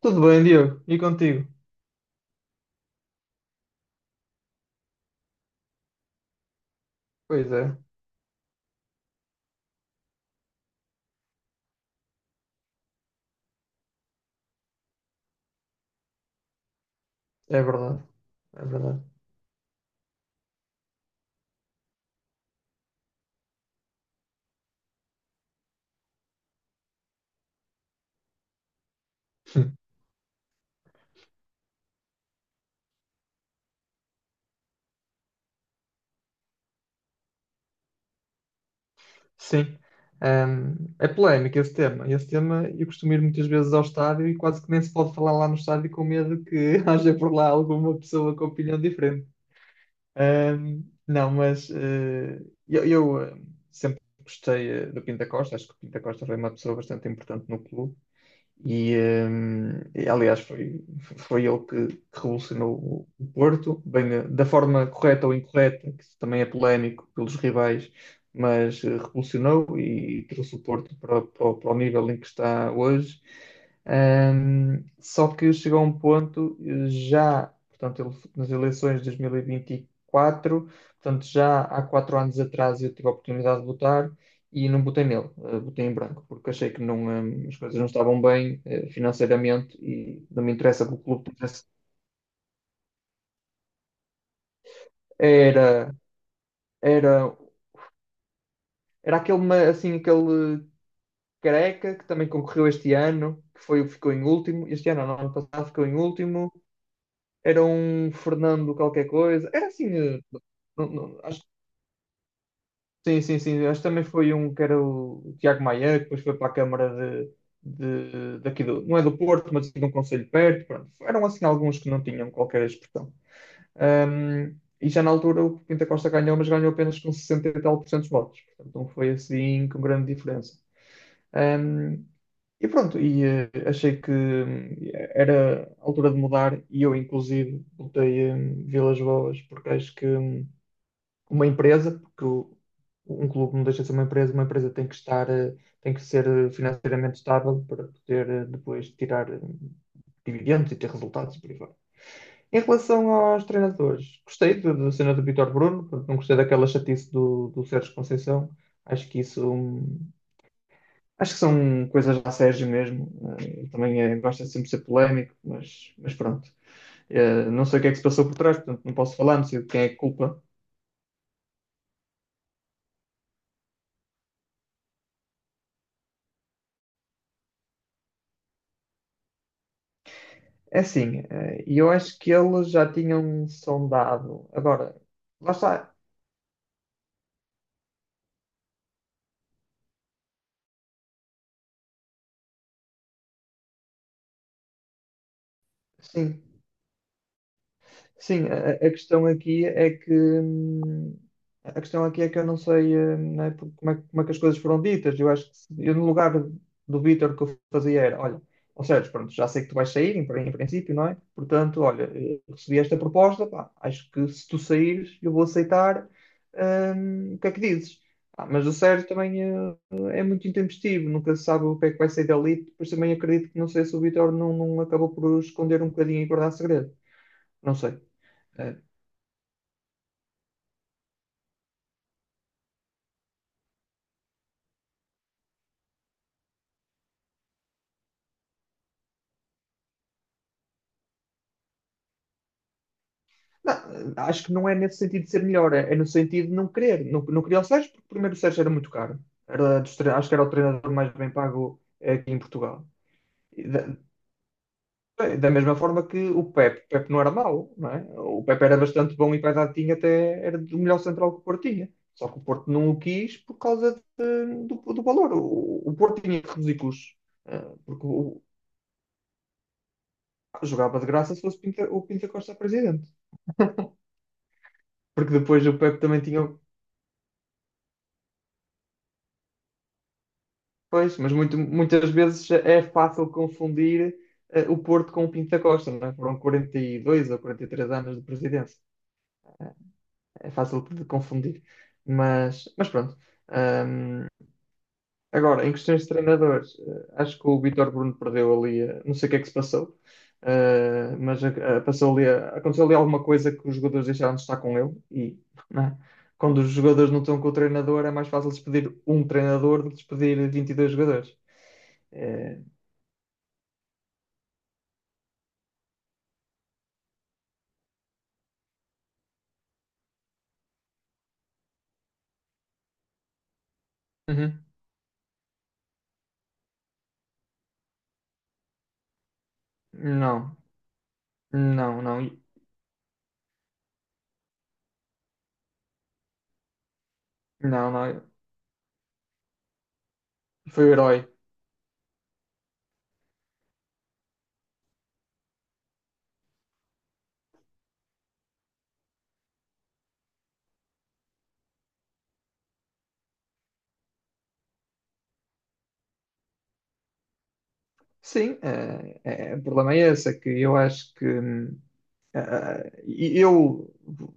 Tudo bem, Diogo? E contigo? Pois é, é verdade. É verdade. Sim. É polémico esse tema. Esse tema eu costumo ir muitas vezes ao estádio e quase que nem se pode falar lá no estádio com medo que haja por lá alguma pessoa com opinião diferente. Não, mas eu sempre gostei do Pinta Costa. Acho que o Pinta Costa foi uma pessoa bastante importante no clube. E, aliás, foi ele que revolucionou o Porto, bem, da forma correta ou incorreta, que isso também é polémico pelos rivais, mas revolucionou e trouxe o Porto para, para o para o nível em que está hoje. Só que chegou a um ponto, nas eleições de 2024, portanto, já há 4 anos atrás eu tive a oportunidade de votar e não botei nele, botei em branco, porque achei que não, as coisas não estavam bem financeiramente e não me interessa que o clube tivesse. Era, era, era aquele, assim, aquele careca que também concorreu este ano, que foi, o que ficou em último, este ano, não, ano passado ficou em último, era um Fernando qualquer coisa, era assim, eh, não- não- acho Sim, sim, sim. Acho que também foi um que era o Tiago Maia, que depois foi para a Câmara de, daqui do, não é do Porto, mas de um concelho perto. Pronto. Eram assim alguns que não tinham qualquer expressão. Ahm, e já na altura o Pinta Costa ganhou, mas ganhou apenas com 60 e tal por cento dos votos. Portanto, não foi assim com grande diferença. Ahm, e pronto, achei que era a altura de mudar e eu, inclusive, votei em Vilas Boas, porque acho que uma empresa, um clube não deixa de ser uma empresa tem que estar, tem que ser financeiramente estável para poder depois tirar dividendos e ter resultados e por aí fora. Em relação aos treinadores, gostei da cena do Vítor Bruno, portanto, não gostei daquela chatice do Sérgio Conceição. Acho que isso, acho que são coisas da Sérgio mesmo. Ele também gosta de sempre ser polémico, mas pronto. Não sei o que é que se passou por trás, portanto, não posso falar, não sei de quem é a culpa. É assim, e eu acho que eles já tinham sondado. Agora, lá está, sim. Sim, a questão aqui é que a questão aqui é que eu não sei né, como é que as coisas foram ditas. Eu acho que eu no lugar do Vítor o que eu fazia era, olha, ou seja, pronto, já sei que tu vais sair, em, em princípio, não é? Portanto, olha, recebi esta proposta, pá, acho que se tu saíres, eu vou aceitar. O que é que dizes? Ah, mas o Sérgio também é muito intempestivo, nunca se sabe o que é que vai sair dali. Depois também acredito que não sei se o Vítor não acabou por esconder um bocadinho e guardar segredo. Não sei. É, não, acho que não é nesse sentido de ser melhor, é no sentido de não querer. Não, não queria o Sérgio, porque primeiro o Sérgio era muito caro. Era acho que era o treinador mais bem pago aqui em Portugal. E da, Da mesma forma que o Pepe. O Pepe não era mau, não é? O Pepe era bastante bom e para a idade tinha até era do melhor central que o Porto tinha. Só que o Porto não o quis por causa do valor. O Porto tinha que reduzir custos, eh, porque o- jogava de graça se fosse o Pinta Costa presidente. Porque depois o Pepe também tinha. Pois, mas muitas vezes é fácil confundir o Porto com o Pinto da Costa, não é? Foram 42 ou 43 anos de presidência. É fácil de confundir. Mas pronto. Ahm, Agora, em questões de treinadores, acho que o Vítor Bruno perdeu ali, não sei o que é que se passou, passou ali, aconteceu ali alguma coisa que os jogadores deixaram de estar com ele e, não é? Quando os jogadores não estão com o treinador, é mais fácil despedir um treinador do que despedir 22 jogadores. Eh, Uhum. Não, não, não, e- não, não. Foi o herói. Sim, o problema é esse, é que eu acho que ah, e eu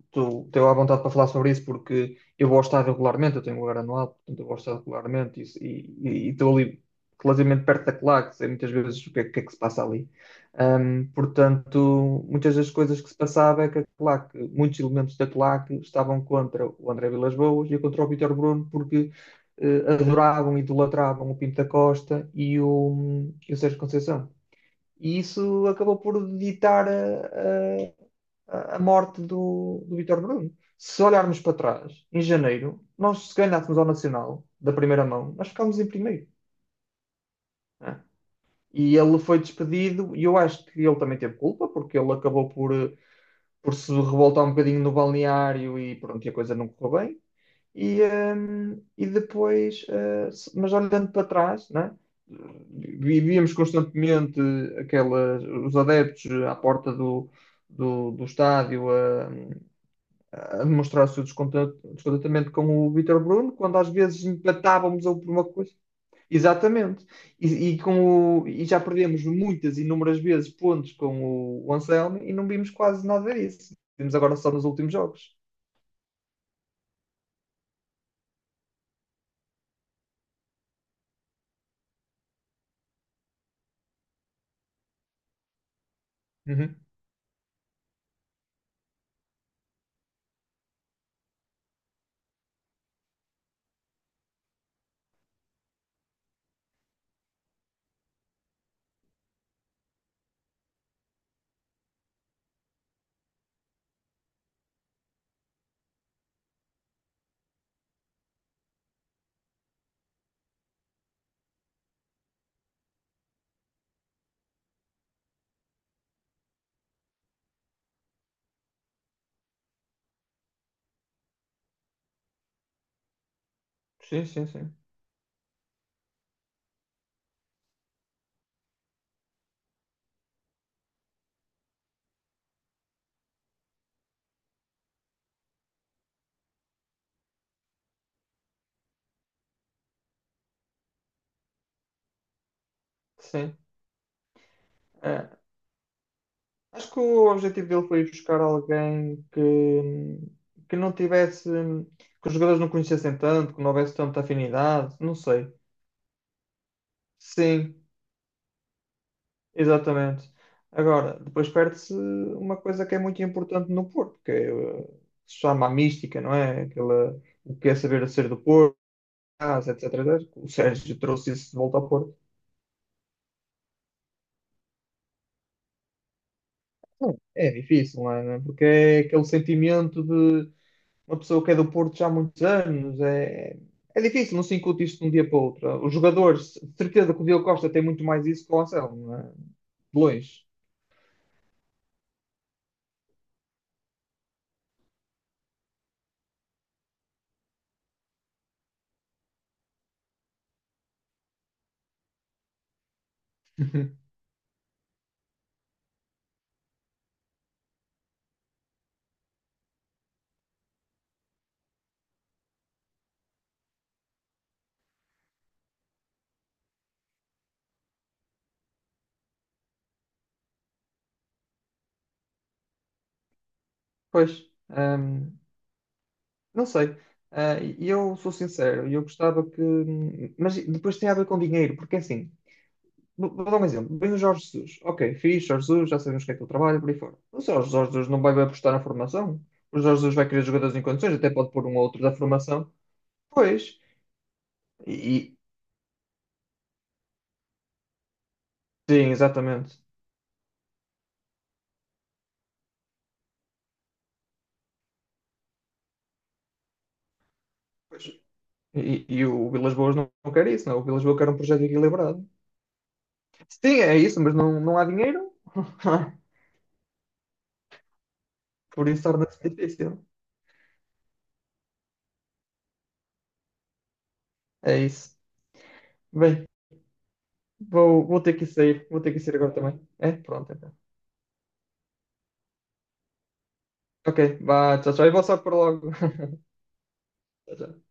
estou à vontade para falar sobre isso porque eu vou ao estádio regularmente, eu tenho um anual, portanto eu vou ao estádio regularmente e estou ali relativamente perto da claque, sei muitas vezes o que é que se passa ali. Portanto, muitas das coisas que se passava é que a claque, muitos elementos da claque estavam contra o André Vilas-Boas e contra o Vítor Bruno porque adoravam e idolatravam o Pinto da Costa e o Sérgio Conceição. E isso acabou por ditar a morte do Vítor Bruno. Se olharmos para trás, em janeiro, nós se ganhássemos ao Nacional, da primeira mão, nós ficámos em primeiro, né? E ele foi despedido, e eu acho que ele também teve culpa, porque ele acabou por, por se revoltar um bocadinho no balneário e pronto, e a coisa não correu bem. E, ehm, e depois, eh, mas olhando para trás, né? vi- Constantemente aquelas, os adeptos à porta do estádio a demonstrar o seu descontentamento com o Vítor Bruno, quando às vezes empatávamos ou por uma coisa. Exatamente. E com e já perdemos muitas, inúmeras vezes pontos com o Anselmo e não vimos quase nada disso. Vimos agora só nos últimos jogos. Uhum. Sim, sim, sim. Sim. É. Acho que o objetivo dele foi ir buscar alguém que não tivesse, que os jogadores não conhecessem tanto, que não houvesse tanta afinidade, não sei. Sim. Exatamente. Agora, depois perde-se uma coisa que é muito importante no Porto, que é, se chama a mística, não é? Aquela, o que é saber ser do Porto, casa, etc, etc. O Sérgio trouxe isso de volta ao Porto. Não, é difícil, não é? Porque é aquele sentimento de uma pessoa que é do Porto já há muitos anos. É, é difícil, não se incute isto de um dia para o outro. Os jogadores, de certeza que o Diogo Costa tem muito mais isso que o Anselmo, não é? De longe. Pois. hum, Não sei. Ah, e eu sou sincero, e eu gostava que. Mas depois tem a ver com dinheiro, porque assim, vou dar um exemplo. Vem o Jorge Jesus. Ok, fixe, Jorge Jesus, já sabemos o que é que ele trabalha, por aí fora. Mas o Jorge Jesus não vai apostar na formação. O Jorge Jesus vai querer jogadores em condições, até pode pôr um ou outro da formação. Pois. E, e- sim, exatamente. Pois. E o Vilas Boas não quer isso, não. O Vilas Boas quer um projeto equilibrado. Sim, é isso, mas não, não há dinheiro. Por isso torna-se difícil. É isso. Bem. Vou ter que sair. Vou ter que sair agora também. É? Pronto, então. Ok, vá, tchau, tchau. E vou só por logo. Tchau, tchau.